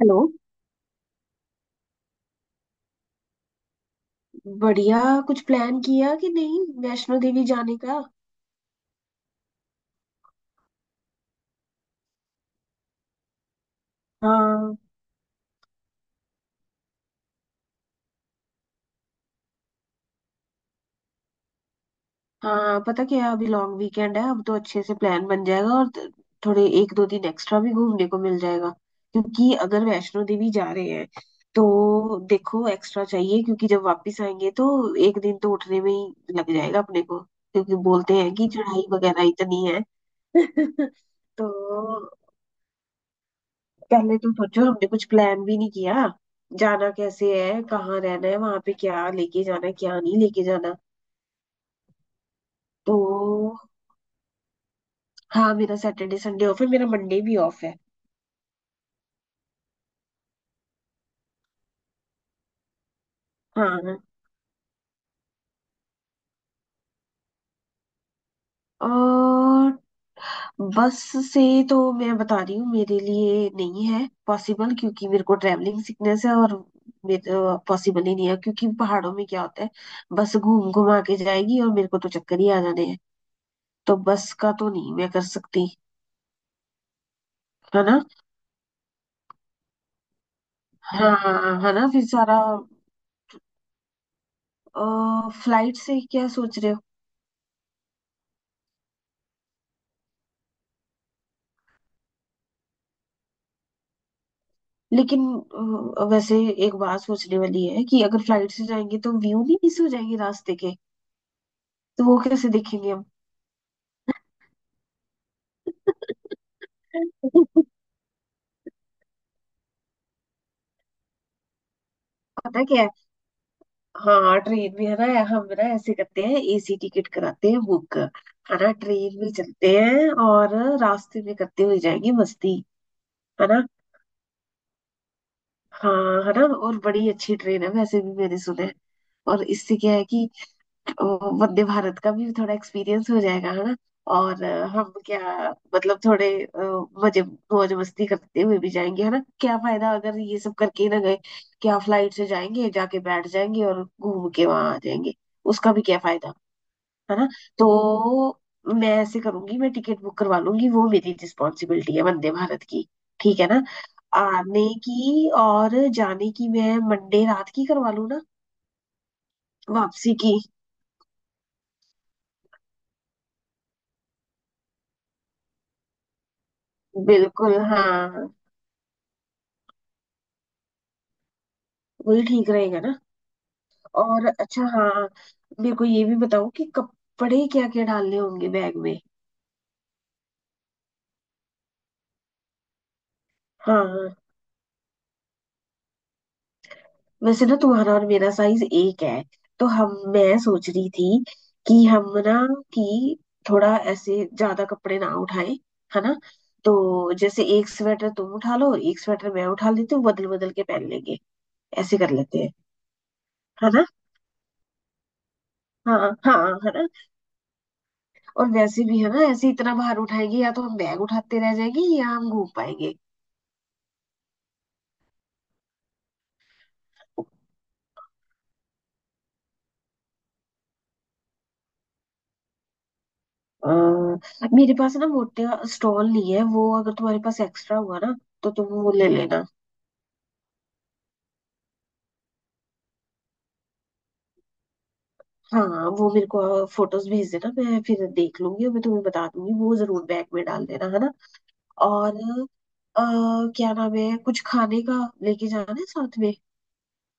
Hello. बढ़िया। कुछ plan किया कि नहीं, वैष्णो देवी जाने का? हाँ। हाँ, पता क्या, अभी लॉन्ग वीकेंड है, अब तो अच्छे से प्लान बन जाएगा। और थोड़े एक दो दिन एक्स्ट्रा भी घूमने को मिल जाएगा, क्योंकि अगर वैष्णो देवी जा रहे हैं तो देखो, एक्स्ट्रा चाहिए, क्योंकि जब वापस आएंगे तो एक दिन तो उठने में ही लग जाएगा अपने को, क्योंकि बोलते हैं कि चढ़ाई वगैरह इतनी है। तो पहले तुम सोचो, हमने कुछ प्लान भी नहीं किया। जाना कैसे है, कहाँ रहना है, वहां पे क्या लेके जाना है, क्या नहीं लेके जाना। तो हाँ, मेरा सैटरडे संडे ऑफ है, मेरा मंडे भी ऑफ है। हाँ, और बस से तो मैं बता रही हूँ, मेरे लिए नहीं है पॉसिबल, क्योंकि मेरे को ट्रैवलिंग सिकनेस है और पॉसिबल ही नहीं है, क्योंकि पहाड़ों में क्या होता है, बस घूम घुमा के जाएगी और मेरे को तो चक्कर ही आ जाने हैं। तो बस का तो नहीं मैं कर सकती। है ना। हाँ, है ना, फिर सारा, फ्लाइट से क्या सोच रहे हो? लेकिन वैसे एक बात सोचने वाली है कि अगर फ्लाइट से जाएंगे तो व्यू भी मिस हो जाएंगे रास्ते के, तो वो कैसे देखेंगे हम? पता क्या है, हाँ, ट्रेन में है ना, हम ना ऐसे करते हैं, एसी टिकट कराते हैं बुक, है ना, ट्रेन में चलते हैं और रास्ते में करते हुए जाएंगे मस्ती। है ना। हाँ है ना, और बड़ी अच्छी ट्रेन है वैसे भी मैंने सुना है। और इससे क्या है कि ओ, वंदे भारत का भी थोड़ा एक्सपीरियंस हो जाएगा, है ना। और हम क्या, मतलब थोड़े मजे मौज मस्ती करते हुए भी जाएंगे, है ना, क्या फायदा अगर ये सब करके ही ना गए, क्या फ्लाइट से जाएंगे जाके बैठ जाएंगे और घूम के वहां आ जाएंगे, उसका भी क्या फायदा। है ना। तो मैं ऐसे करूंगी, मैं टिकट बुक करवा लूंगी, वो मेरी रिस्पॉन्सिबिलिटी है, वंदे भारत की। ठीक है ना, आने की और जाने की, मैं मंडे रात की करवा लूँ ना वापसी की। बिल्कुल हाँ, वही ठीक रहेगा ना। और अच्छा हाँ, मेरे को ये भी बताओ कि कपड़े क्या क्या डालने होंगे बैग में। हाँ हाँ, वैसे ना तुम्हारा और मेरा साइज एक है, तो हम मैं सोच रही थी कि हम ना, कि थोड़ा ऐसे ज्यादा कपड़े ना उठाएं, है ना। तो जैसे एक स्वेटर तुम उठा लो, एक स्वेटर मैं उठा लेती हूँ, बदल बदल के पहन लेंगे, ऐसे कर लेते हैं। है ना। हाँ हाँ, है ना, और वैसे भी है ना, ऐसे इतना भार उठाएंगे या तो हम बैग उठाते रह जाएंगे या हम घूम पाएंगे। अ, मेरे पास ना मोटा स्टॉल नहीं है, वो अगर तुम्हारे पास एक्स्ट्रा हुआ ना, तो तुम वो ले लेना। हाँ, वो मेरे को फोटोज भेज देना, मैं फिर देख लूंगी और मैं तुम्हें बता दूंगी, वो जरूर बैग में डाल देना, है ना। और अ, क्या नाम है, कुछ खाने का लेके जाना है साथ में,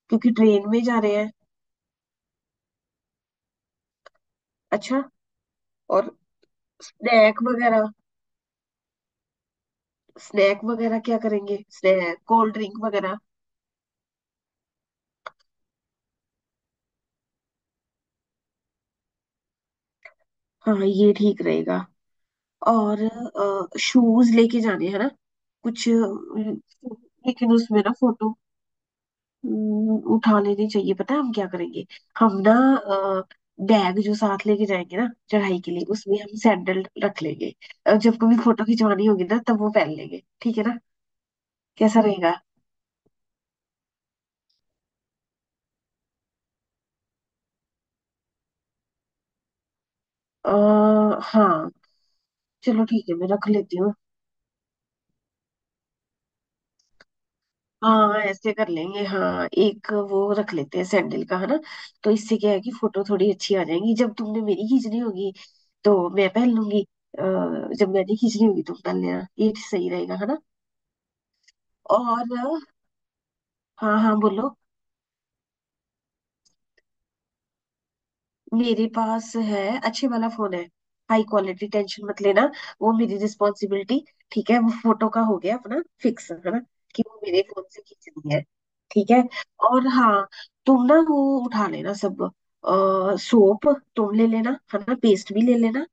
क्योंकि ट्रेन में जा रहे हैं। अच्छा। और स्नैक वगैरह, स्नैक वगैरह क्या करेंगे, स्नैक कोल्ड ड्रिंक वगैरह। हाँ ये ठीक रहेगा। और शूज लेके जाने हैं ना, कुछ लेकिन उसमें ना फोटो उठा लेनी चाहिए, पता है हम क्या करेंगे, हम ना, बैग जो साथ लेके जाएंगे ना चढ़ाई के लिए, उसमें हम सैंडल रख लेंगे। जब कभी फोटो खिंचवानी होगी ना तब वो पहन लेंगे, ठीक है ना, कैसा रहेगा। आ, हाँ, चलो ठीक है मैं रख लेती हूँ। हाँ, ऐसे कर लेंगे, हाँ एक वो रख लेते हैं सैंडल का, है ना। तो इससे क्या है कि फोटो थोड़ी अच्छी आ जाएंगी, जब तुमने मेरी खींचनी होगी तो मैं पहन लूंगी, जब मैंने खींचनी होगी तुम पहन लेना, ये सही रहेगा, है ना। और हाँ। हाँ बोलो। मेरे पास है, अच्छे वाला फोन है, हाई क्वालिटी, टेंशन मत लेना, वो मेरी रिस्पॉन्सिबिलिटी। ठीक है, वो फोटो का हो गया अपना फिक्स, है ना, कि वो मेरे फोन से खींचनी है। ठीक है। और हाँ, तुम ना वो उठा लेना सब, सोप तुम ले लेना, है ना, पेस्ट भी ले लेना,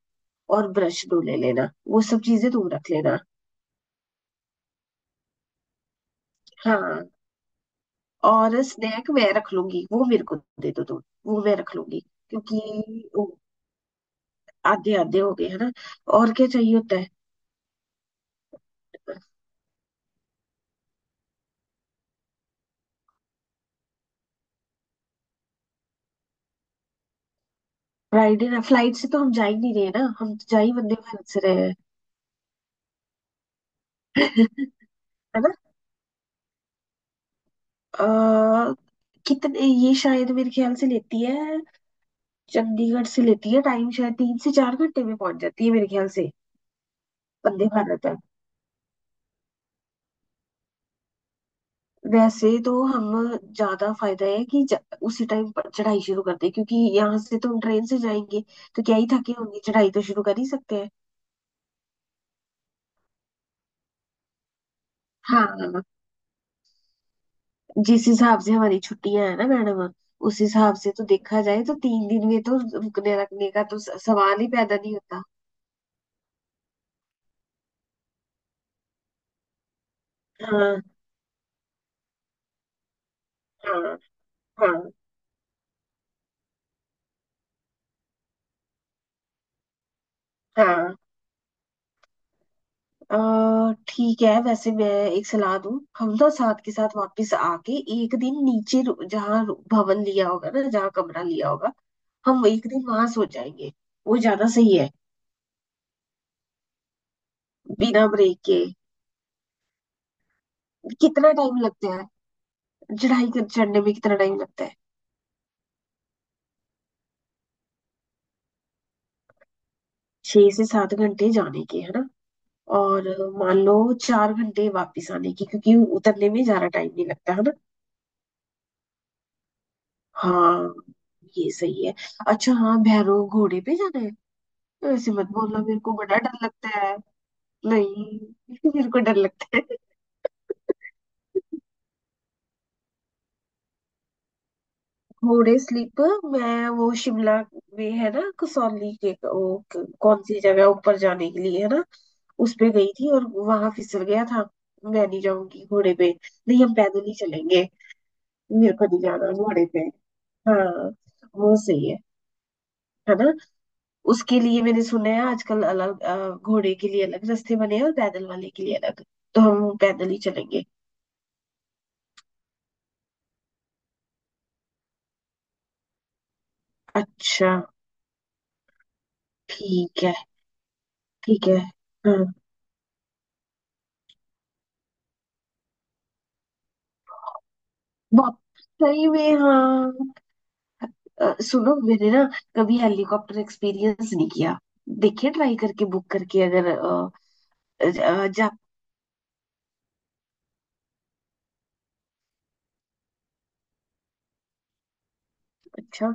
और ब्रश दो ले लेना, वो सब चीजें तुम रख लेना। हाँ। और स्नैक मैं रख लूंगी, वो मेरे को दे दो तुम, वो मैं रख लूंगी। क्योंकि वो आधे आधे हो गए है ना, और क्या चाहिए होता है। राइड ना, फ्लाइट से तो हम जा ही नहीं रहे ना, हम तो जा ही वंदे भारत से रहे हैं। है ना। अ, कितने, ये शायद मेरे ख्याल से लेती है, चंडीगढ़ से लेती है टाइम, शायद 3 से 4 घंटे में पहुंच जाती है मेरे ख्याल से, वंदे भारत है। वैसे तो हम, ज्यादा फायदा है कि उसी टाइम पर चढ़ाई शुरू कर दें, क्योंकि यहाँ से तो हम ट्रेन से जाएंगे तो क्या ही थके होंगे, चढ़ाई तो शुरू कर ही सकते हैं। हाँ, जिस हिसाब से हमारी छुट्टियां है ना मैडम, उस हिसाब से तो देखा जाए तो 3 दिन में तो रुकने रखने का तो सवाल ही पैदा नहीं होता। हाँ हाँ, हाँ हाँ, ठीक है, वैसे मैं एक सलाह दूं। हम ना साथ के साथ वापस आके एक दिन नीचे जहाँ भवन लिया होगा ना, जहाँ कमरा लिया होगा, हम एक दिन वहां सो जाएंगे, वो ज्यादा सही है। बिना ब्रेक के। कितना टाइम लगता है, चढ़ाई कर चढ़ने में कितना टाइम लगता है। 6 से 7 घंटे जाने के, है ना, और मान लो 4 घंटे वापस आने की, क्योंकि उतरने में ज्यादा टाइम नहीं लगता, है ना। हाँ, ये सही है। अच्छा हाँ, भैरव घोड़े पे जाना है? तो ऐसे मत बोलना, मेरे को बड़ा डर लगता है। नहीं। मेरे को डर लगता है। घोड़े स्लीप। मैं वो शिमला में है ना, कसौली के वो कौन सी जगह ऊपर जाने के लिए है ना, उस पे गई थी और वहां फिसल गया था। मैं नहीं जाऊंगी घोड़े पे। नहीं, हम पैदल ही चलेंगे। मेरे को नहीं जाना घोड़े पे। हाँ, वो सही है ना। उसके लिए मैंने सुना है, आजकल अलग घोड़े के लिए अलग रास्ते बने हैं और पैदल वाले के लिए अलग, तो हम पैदल ही चलेंगे। अच्छा। ठीक है, ठीक है। हाँ, बहुत सही में हाँ। सुनो, मैंने ना कभी हेलीकॉप्टर एक्सपीरियंस नहीं किया, देखिए ट्राई करके बुक करके, अगर अ, अ, जा अच्छा,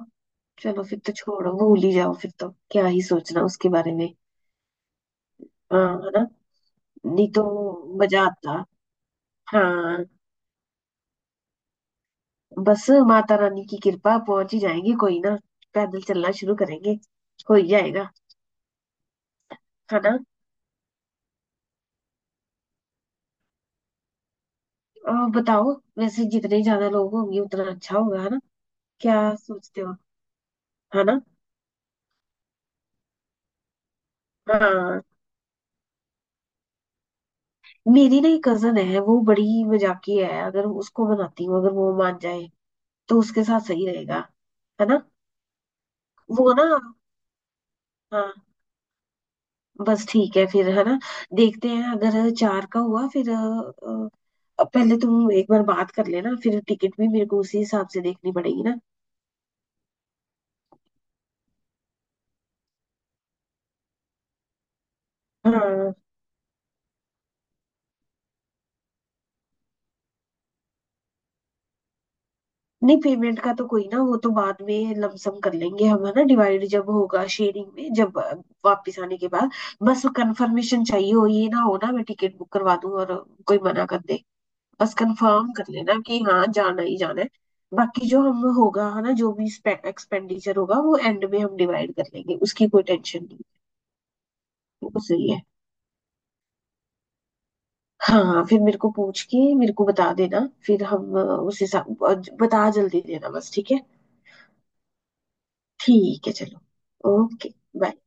चलो फिर तो छोड़ो, भूल ही जाओ, फिर तो क्या ही सोचना उसके बारे में। हाँ है ना। नहीं तो मजा आता। हाँ, बस माता रानी की कृपा, पहुंच ही जाएंगे, कोई ना, पैदल चलना शुरू करेंगे, हो ही जाएगा। है ना। और बताओ, वैसे जितने ज्यादा लोग होंगे उतना अच्छा होगा, है ना, क्या सोचते हो। है ना। हाँ, मेरी ना एक कजन है, वो बड़ी मजाकी है, अगर उसको मनाती हूँ, अगर वो मान जाए तो उसके साथ सही रहेगा, है ना। वो ना, हाँ, बस ठीक है फिर, है ना। देखते हैं, अगर चार का हुआ फिर पहले तुम एक बार बात कर लेना, फिर टिकट भी मेरे को उसी हिसाब से देखनी पड़ेगी ना। हाँ। नहीं, पेमेंट का तो कोई ना, वो तो बाद में लमसम कर लेंगे हम, है ना, डिवाइड जब होगा शेयरिंग में, जब वापस आने के बाद। बस कंफर्मेशन चाहिए, हो ये ना हो ना, मैं टिकट बुक करवा दूं और कोई मना कर दे। बस कंफर्म कर लेना कि हाँ जाना ही जाना है, बाकी जो हम होगा है ना, जो भी एक्सपेंडिचर होगा वो एंड में हम डिवाइड कर लेंगे, उसकी कोई टेंशन नहीं। वो तो सही है। हाँ हाँ, फिर मेरे को पूछ के मेरे को बता देना, फिर हम उस हिसाब बता जल्दी देना बस। ठीक है, ठीक है चलो। Okay bye.